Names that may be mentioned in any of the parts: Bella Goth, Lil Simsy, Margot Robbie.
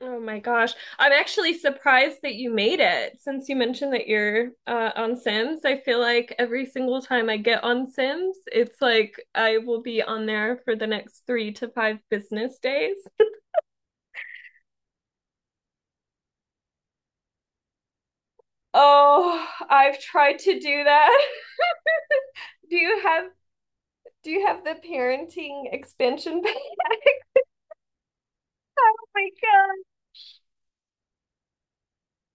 Oh my gosh. I'm actually surprised that you made it since you mentioned that you're on Sims. I feel like every single time I get on Sims, it's like I will be on there for the next three to five business days. Oh, I've tried to do that. Do you have do you have the parenting expansion pack? Oh my God.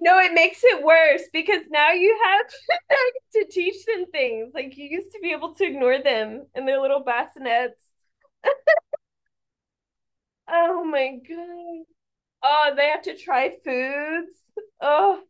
No, it makes it worse because now you have to teach them things. Like you used to be able to ignore them in their little bassinets. Oh my God. Oh, they have to try foods. Oh,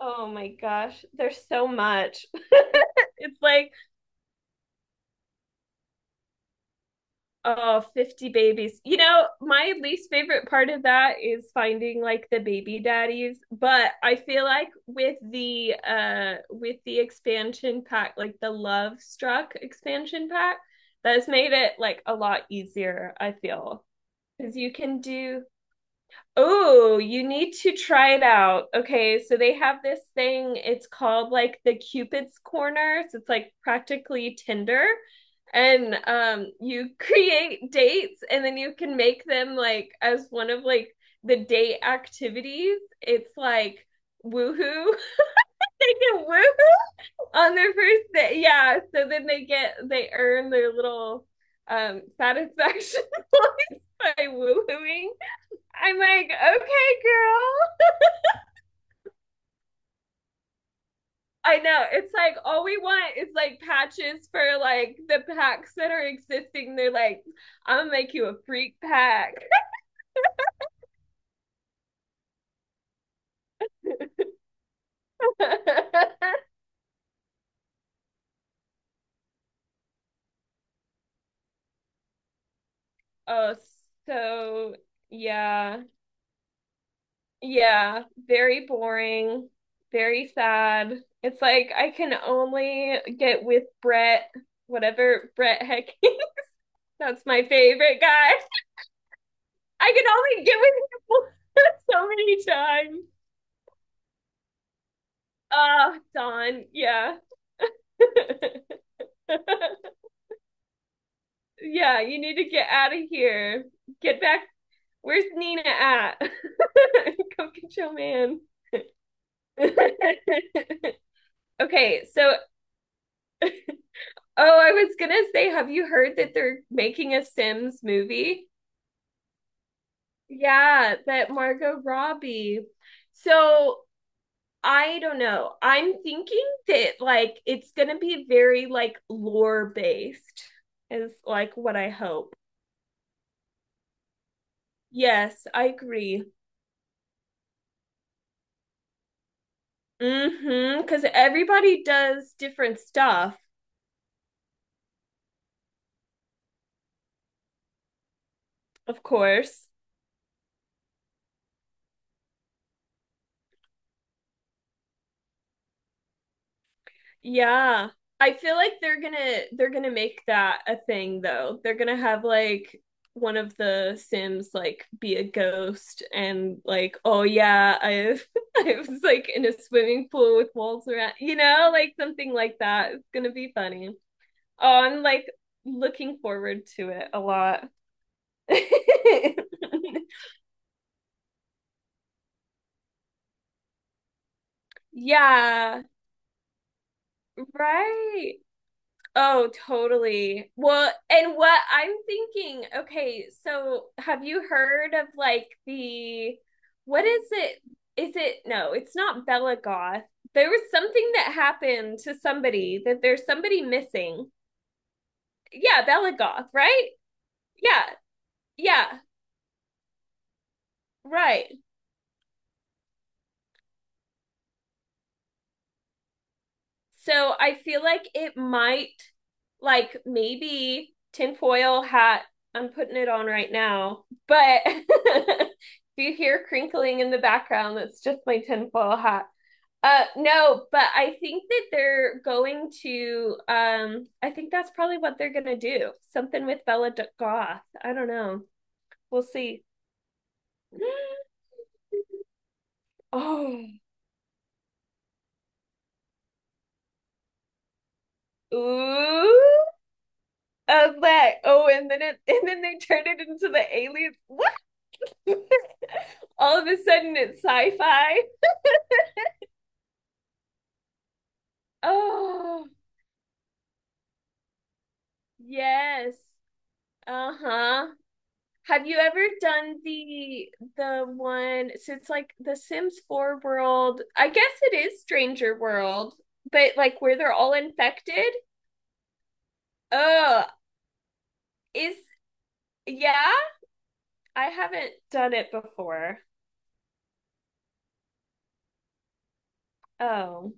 oh my gosh. There's so much. It's like, oh, 50 babies. My least favorite part of that is finding like the baby daddies, but I feel like with the expansion pack, like the Love Struck expansion pack, that's made it like a lot easier, I feel. Because you can do oh, you need to try it out. Okay, so they have this thing, it's called like the Cupid's Corner. So it's like practically Tinder. And you create dates and then you can make them like as one of like the date activities. It's like woohoo. They get woohoo on their first day. Yeah, so then they earn their little satisfaction points by woohooing. I'm like, okay, girl, I know. It's like all we want is like patches for like the packs that are existing. They're like, I'm gonna make you a freak pack. Oh, so yeah. Yeah. Very boring. Very sad. It's like I can only get with Brett, whatever Brett Hecky. That's my favorite guy. I can only get with him so many times. Ah, Don. Yeah. Yeah, you need to get out of here. Get back. Where's Nina at? Go get your man. Okay, so oh, I was gonna say, have you heard that they're making a Sims movie? Yeah, that Margot Robbie. So I don't know. I'm thinking that like it's gonna be very like lore based, is like what I hope. Yes, I agree. Mm-hmm, because everybody does different stuff, of course. Yeah. I feel like they're gonna make that a thing though. They're gonna have like one of the Sims like be a ghost and like, oh yeah, I I was like in a swimming pool with walls around, like something like that. It's gonna be funny. Oh, I'm like looking forward to it a lot. Yeah, right. Oh, totally. Well, and what I'm thinking, okay, so have you heard of like the, what is it? Is it, no, it's not Bella Goth. There was something that happened to somebody that there's somebody missing. Yeah, Bella Goth, right? Yeah, yeah, right. So I feel like it might, like maybe tinfoil hat. I'm putting it on right now, but if you hear crinkling in the background, that's just my tinfoil hat. No, but I think that they're going to. I think that's probably what they're gonna do. Something with Bella Goth. I don't know. We'll see. Oh, ooh, I was like, oh, and then it, and then they turned it into the aliens. What? All of a sudden it's sci-fi. Oh, yes. Uh-huh. Have you ever done the one since like the Sims 4 world? I guess it is Stranger World, but like where they're all infected? Oh, is yeah, I haven't done it before. Oh,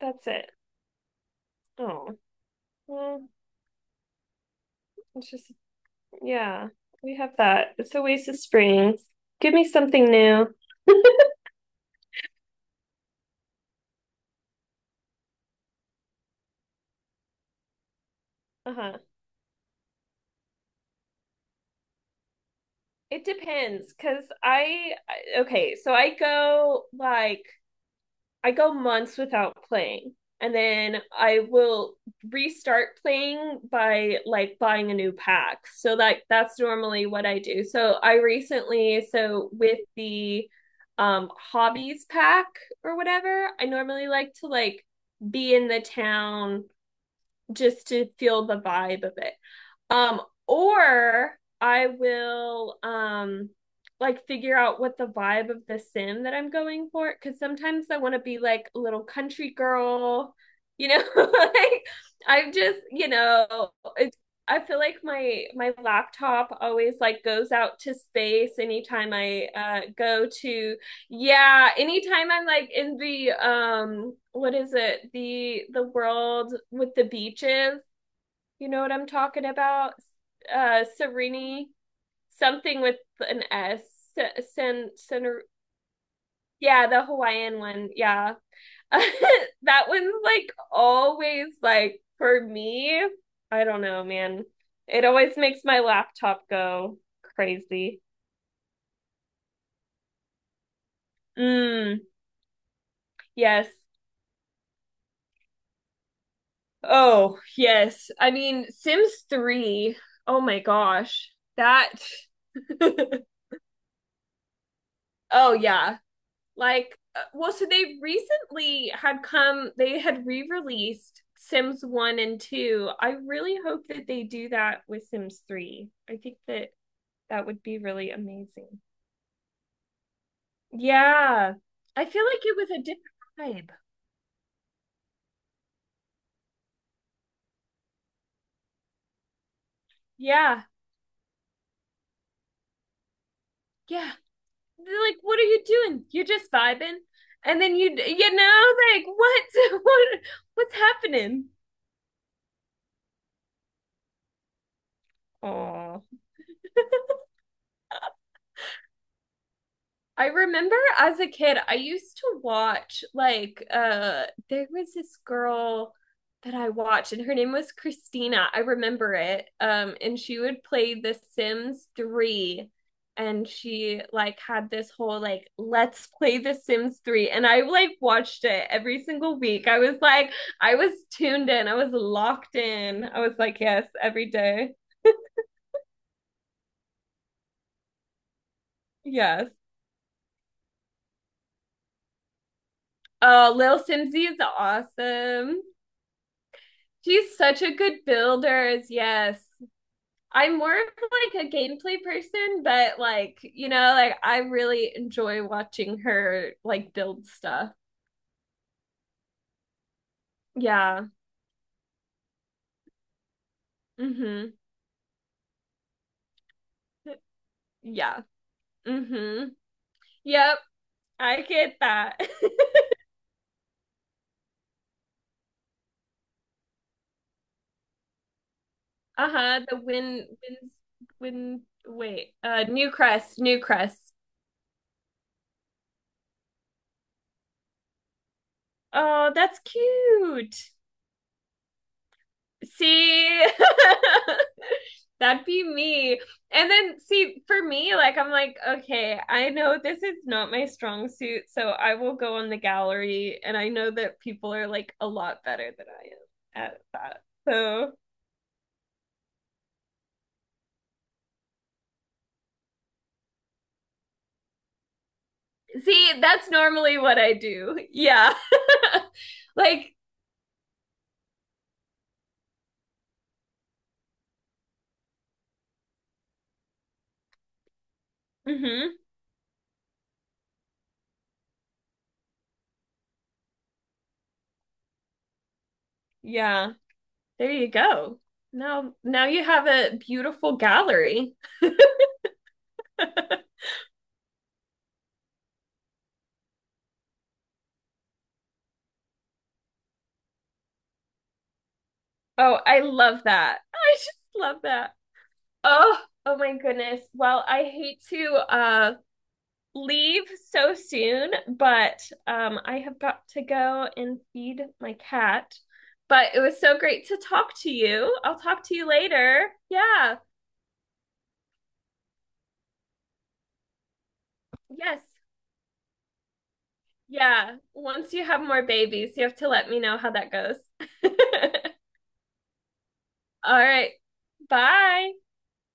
that's it. Oh, well, it's just yeah, we have that. It's Oasis Springs. Give me something new. Uh-huh. It depends cuz I- okay, so I go like I go months without playing and then I will restart playing by like buying a new pack. So like that's normally what I do. So I recently so with the hobbies pack or whatever, I normally like to like be in the town just to feel the vibe of it. Um, or I will like figure out what the vibe of the sim that I'm going for cuz sometimes I want to be like a little country girl, you know, like I'm just, it's I feel like my laptop always like goes out to space anytime I go to yeah, anytime I'm like in the what is it? The world with the beaches you know what I'm talking about? Serene, something with an S. Sen, sen, yeah, the Hawaiian one. Yeah. That one's like always like for me, I don't know, man. It always makes my laptop go crazy. Mm, yes. Oh, yes. I mean, Sims 3. Oh my gosh. That Oh yeah. Like well so they recently had come they had re-released sims 1 and 2. I really hope that they do that with sims 3. I think that that would be really amazing. Yeah, I feel like it was a different vibe. Yeah, yeah. They're like, what are you doing? You're just vibing and then you know like what what what's happening. Oh, I remember as a kid, I used to watch like there was this girl that I watched and her name was Christina. I remember it. And she would play The Sims 3 and she like had this whole like let's play The Sims 3 and I like watched it every single week. I was like I was tuned in. I was locked in. I was like yes, every day. Yes. Uh, Lil Simsy is awesome. She's such a good builder. Is- yes. I'm more of like a gameplay person, but like, like I really enjoy watching her like build stuff. Yeah. Mm-hmm. Yeah. Mm-hmm. Yep. I get that. Uh-huh. The win wins win wait. Uh, New Crest. Oh, that's cute. See, that'd be me. And then, see, for me, like, I'm like, okay, I know this is not my strong suit, so I will go on the gallery, and I know that people are like a lot better than I am at that. So, see, that's normally what I do. Yeah. Like, mm-hmm. Yeah. There you go. Now, now you have a beautiful gallery. Oh, I love that. I just love that. Oh, oh my goodness. Well, I hate to leave so soon, but I have got to go and feed my cat. But it was so great to talk to you. I'll talk to you later. Yeah. Yes. Yeah. Once you have more babies, you have to let me know how that goes. All right. Bye.